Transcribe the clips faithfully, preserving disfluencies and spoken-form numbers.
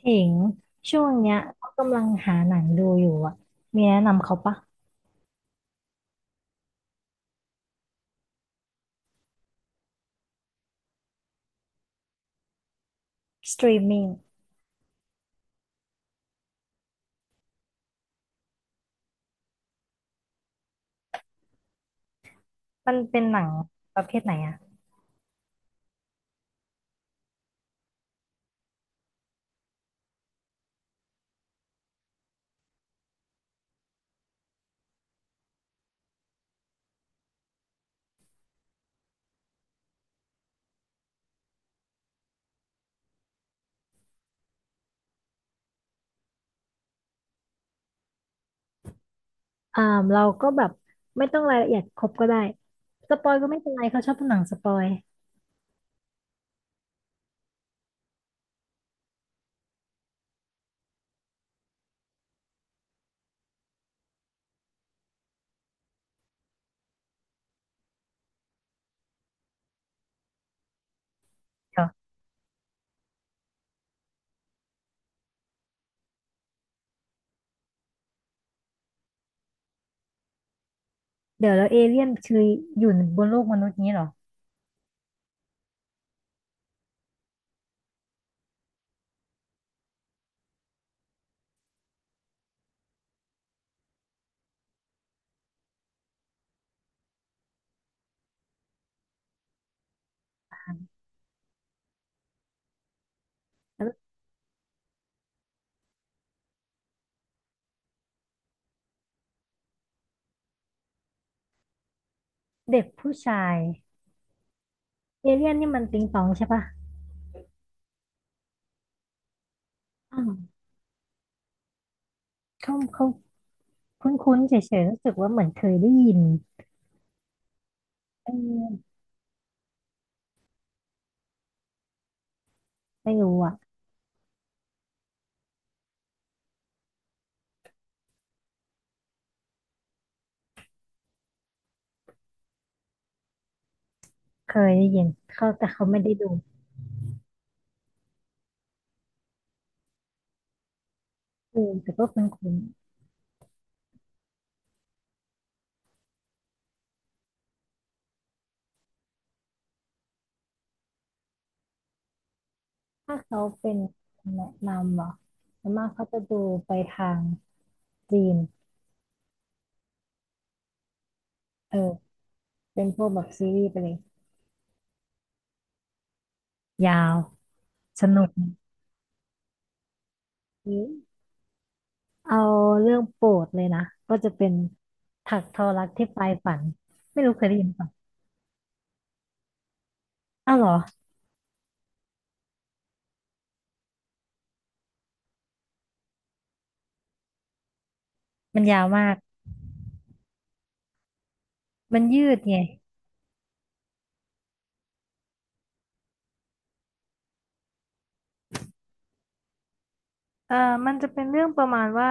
ถิงช่วงเนี้ยก็กำลังหาหนังดูอยู่อ่ะมีแนะนำเขาปะสตรีมมิ่งมันเป็นหนังประเภทไหนอ่ะอ่าเราก็แบบไม่ต้องรายละเอียดครบก็ได้สปอยก็ไม่เป็นไรเขาชอบดูหนังสปอยเดี๋ยวเดี๋ยวแล้วเอเลี่ยนคืออยู่บนโลกมนุษย์นี้เหรอแล้วเด็กผู้ชาย เอเลี่ยนนี่มันติงตองใช่ปะอ้าวเขาเขาคุ้นๆเฉยๆรู้สึกว่าเหมือนเคยได้ยินเออไม่รู้อ่ะเคยได้ยินเขาแต่เขาไม่ได้ดูเออแต่ก็คุ้น ถ้าเขาเป็นแนะนำเหรอส่วนมากเขาจะดูไปทางจีนเออเป็นพวกแบบซีรีส์ไปเลย ยาว สนุกเอาเรื่องโปรดเลยนะ ก็จะเป็นถักทอรักที่ปลายฝัน ไม่รู้เคยได้ยินเปล่ะอ้าวเหรอ มันยาวมาก มันยืดไงเออมันจะเป็นเรื่องประมาณว่า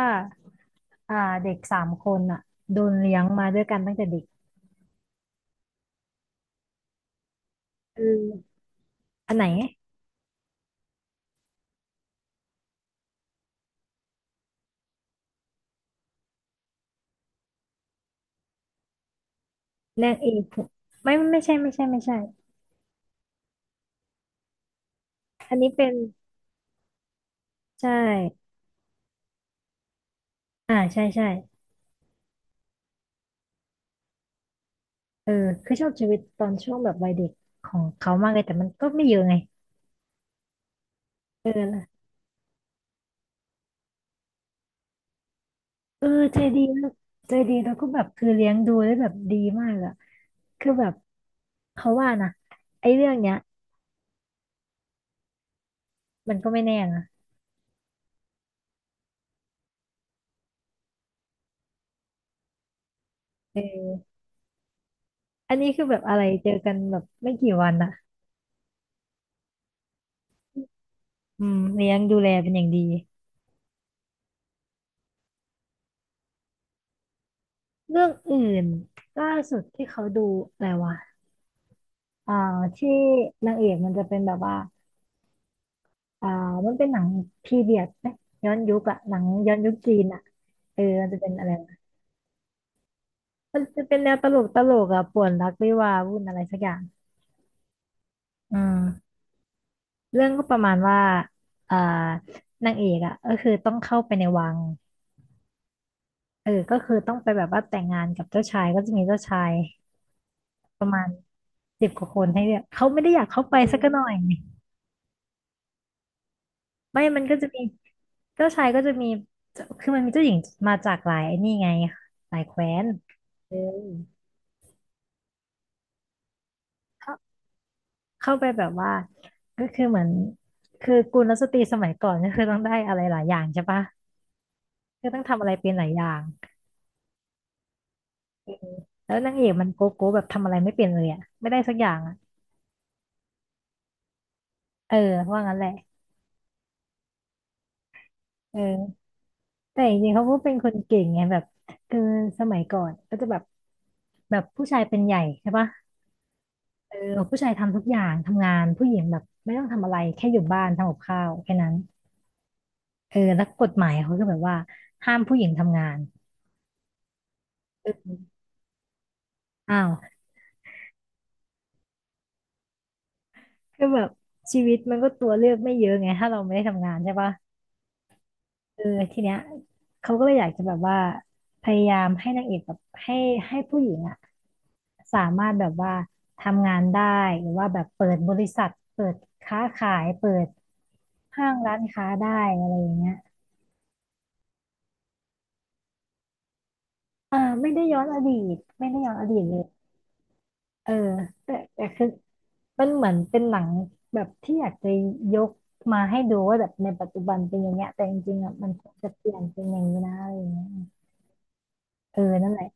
อ่าเด็กสามคนอ่ะโดนเลี้ยงมาด้วยกันตั้งแต่เด็กคืออันไหนเน่งเอกไม่ไม่ใช่ไม่ใช่ไม่ใช่อันนี้เป็นใช่ อ่าใช่ใช่เออคือชอบชีวิตตอนช่วงแบบวัยเด็กของเขามากเลยแต่มันก็ไม่เยอะไงเออละเออใจดีนะใจดีแล้วก็แบบคือเลี้ยงดูได้แบบดีมากอะคือแบบเขาว่านะไอ้เรื่องเนี้ยมันก็ไม่แน่นะเอออันนี้คือแบบอะไรเจอกันแบบไม่กี่วันอะอืมเลี้ยงดูแลเป็นอย่างดีเรื่องอื่นล่าสุดที่เขาดูอะไรวะอ่าที่นางเอกมันจะเป็นแบบว่า อ่ามันเป็นหนังพีเรียดไหมย้อนยุคอะหนังย้อนยุคจีนอะเออมันจะเป็นอะไรนะมันจะเป็นแนวตลกตลกอะป่วนรักวิวาห์วุ่นอะไรสักอย่างอืมเรื่องก็ประมาณว่าอ่านางเอกอะก็คือต้องเข้าไปในวังเออก็คือต้องไปแบบว่าแต่งงานกับเจ้าชายก็จะมีเจ้าชายประมาณสิบกว่าคนให้เลือกเขาไม่ได้อยากเข้าไปสักหน่อยไม่มันก็จะมีเจ้าชายก็จะมีคือมันมีเจ้าหญิงมาจากหลายไอ้นี่ไงหลายแคว้นเออ เข้าไปแบบว่าก็คือเหมือนคือกุลสตรีสมัยก่อนก็คือต้องได้อะไรหลายอย่างใช่ปะก็ต้องทำอะไรเป็นหลายอย่างแล้วนางเอกมันโกโก้แบบทำอะไรไม่เป็นเลยอะไม่ได้สักอย่างอะเออว่างั้นแหละเออแต่จริงๆเขาก็เป็นคนเก่งไงแบบคือสมัยก่อนก็จะแบบแบบผู้ชายเป็นใหญ่ใช่ปะเออผู้ชายทำทุกอย่างทำงานผู้หญิงแบบไม่ต้องทำอะไรแค่อยู่บ้านทำกับข้าวแค่นั้นเออแล้วกฎหมายเขาก็แบบว่าห้ามผู้หญิงทำงานอ้าว คือแบบชีวิตมันก็ตัวเลือกไม่เยอะไงถ้าเราไม่ได้ทำงานใช่ปะเออทีเนี้ยเขาก็เลยอยากจะแบบว่าพยายามให้นางเอกแบบให้ให้ผู้หญิงอะสามารถแบบว่าทำงานได้หรือว่าแบบเปิดบริษัทเปิดค้าขายเปิดห้างร้านค้าได้อะไรอย่างเงี้ยอ่าไม่ได้ย้อนอดีตไม่ได้ย้อนอดีตเลย เออแต่แต่คือมันเหมือนเป็นหนังแบบที่อยากจะยกมาให้ดูว่าแบบในปัจจุบันเป็นอย่างเงี้ยแต่จริงๆอ่ะมันควรจะเปลี่ยนเป็นอย่างนี้นะอะไรอย่างเงี้ยเออนั่นแหละ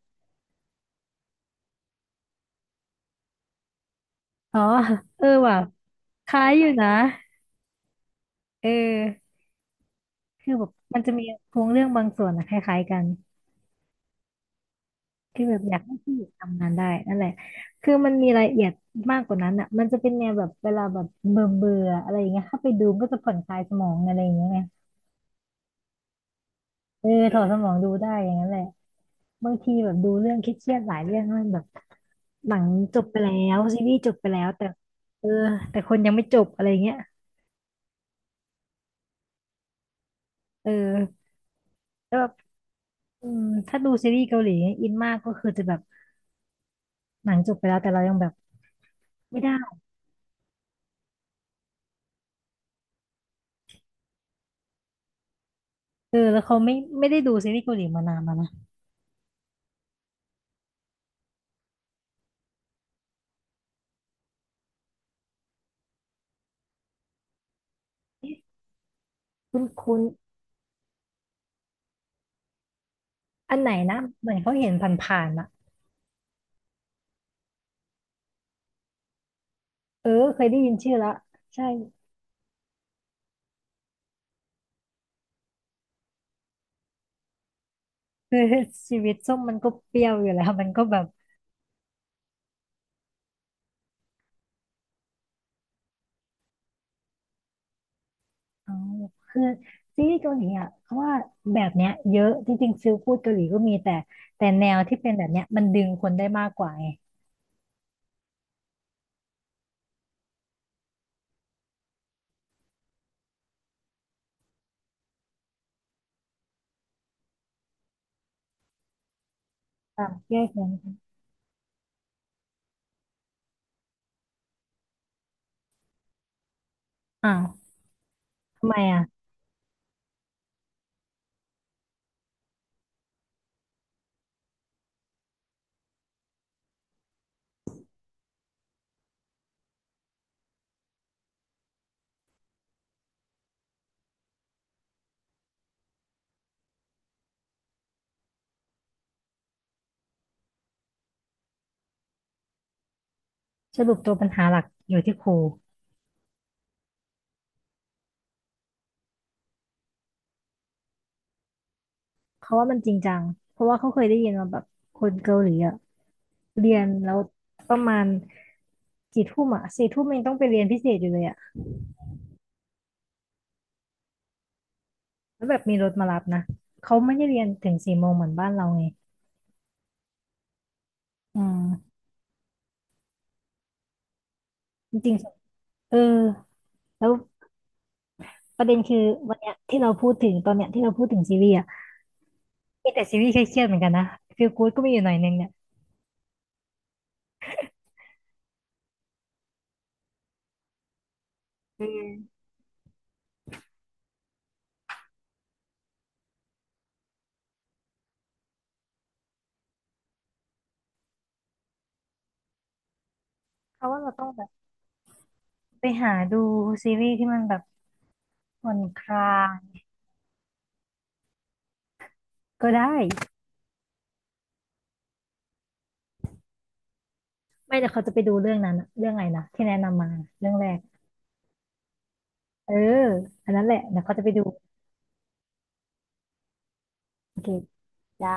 อ๋อเออว่ะคล้ายอยู่นะเออคือแบบมันจะมีโครงเรื่องบางส่วนอะคล้ายๆกันคือแบบอยากให้ผู้หญิงทำงานได้นั่นแหละคือมันมีรายละเอียดมากกว่านั้นอ่ะมันจะเป็นแนวแบบเวลาแบบเบื่อเบื่ออะไรอย่างเงี้ยเข้าไปดูก็จะผ่อนคลายสมองอะไรอย่างเงี้ยไงเออถอดสมองดูได้อย่างนั้นแหละ บางทีแบบดูเรื่องเครียดๆหลายเรื่องมันแบบหนังจบไปแล้วซีรีส์จบไปแล้วแต่เออแต่คนยังไม่จบอะไรเงี้ยเออแล้วแบบอืมถ้าดูซีรีส์เกาหลีอินมากก็คือจะแบบหนังจบไปแล้วแต่เรายังแบบไม่ได้เออแล้วเขาไม่ไม่ได้ดูซีรีส์เกาหลีมานานแล้วนะคุณคุณอันไหนนะเหมือนเขาเห็นผ่านๆอ่ะเออเคยได้ยินชื่อแล้วใช่ คือชีวิตส้มมันก็เปรี้ยวอยู่แล้วมันก็แบบ อ๋อคือซีรีส์เกาหลีอ่ะเพราะว่าแบบเนี้ยเยอะจริงๆซิลพูดเกาหลีก็มีแต่แต่แนวที่เป็นแบบเนี้ยมันดึงคนได้มากกว่าไงตามแยกนั้นอ้าวทำไมอ่ะสรุปตัวปัญหาหลักอยู่ที่ครูเขาว่ามันจริงจังเพราะว่าเขาเคยได้ยินมาแบบคนเกาหลีอ่ะเรียนแล้วประมาณกี่ทุ่มอ่ะสี่ทุ่มยังต้องไปเรียนพิเศษอยู่เลยอ่ะแล้วแบบมีรถมารับนะเขาไม่ได้เรียนถึงสี่โมงเหมือนบ้านเราไงอืมจริงๆเออแล้ว ประเด็นคือวันเนี้ยที่เราพูดถึงตอนเนี้ยที่เราพูดถึงซีรีส์อ่ะมีแต่ซีรีส์เครียดๆเหมือนกันนะฟีลกู๊ดก็มีอยู่หน่อยนึงเนี่ยอืมเพราะว่าเราต้องแบบไปหาดูซีรีส์ที่มันแบบผ่อนคลายก็ได้ไม่แต่เขาจะไปดูเรื่องนั้นอะเรื่องอะไรนะที่แนะนำมาเรื่องแรกเอออันนั้นแหละเดี๋ยวเขาจะไปดูโอเคจ้ะ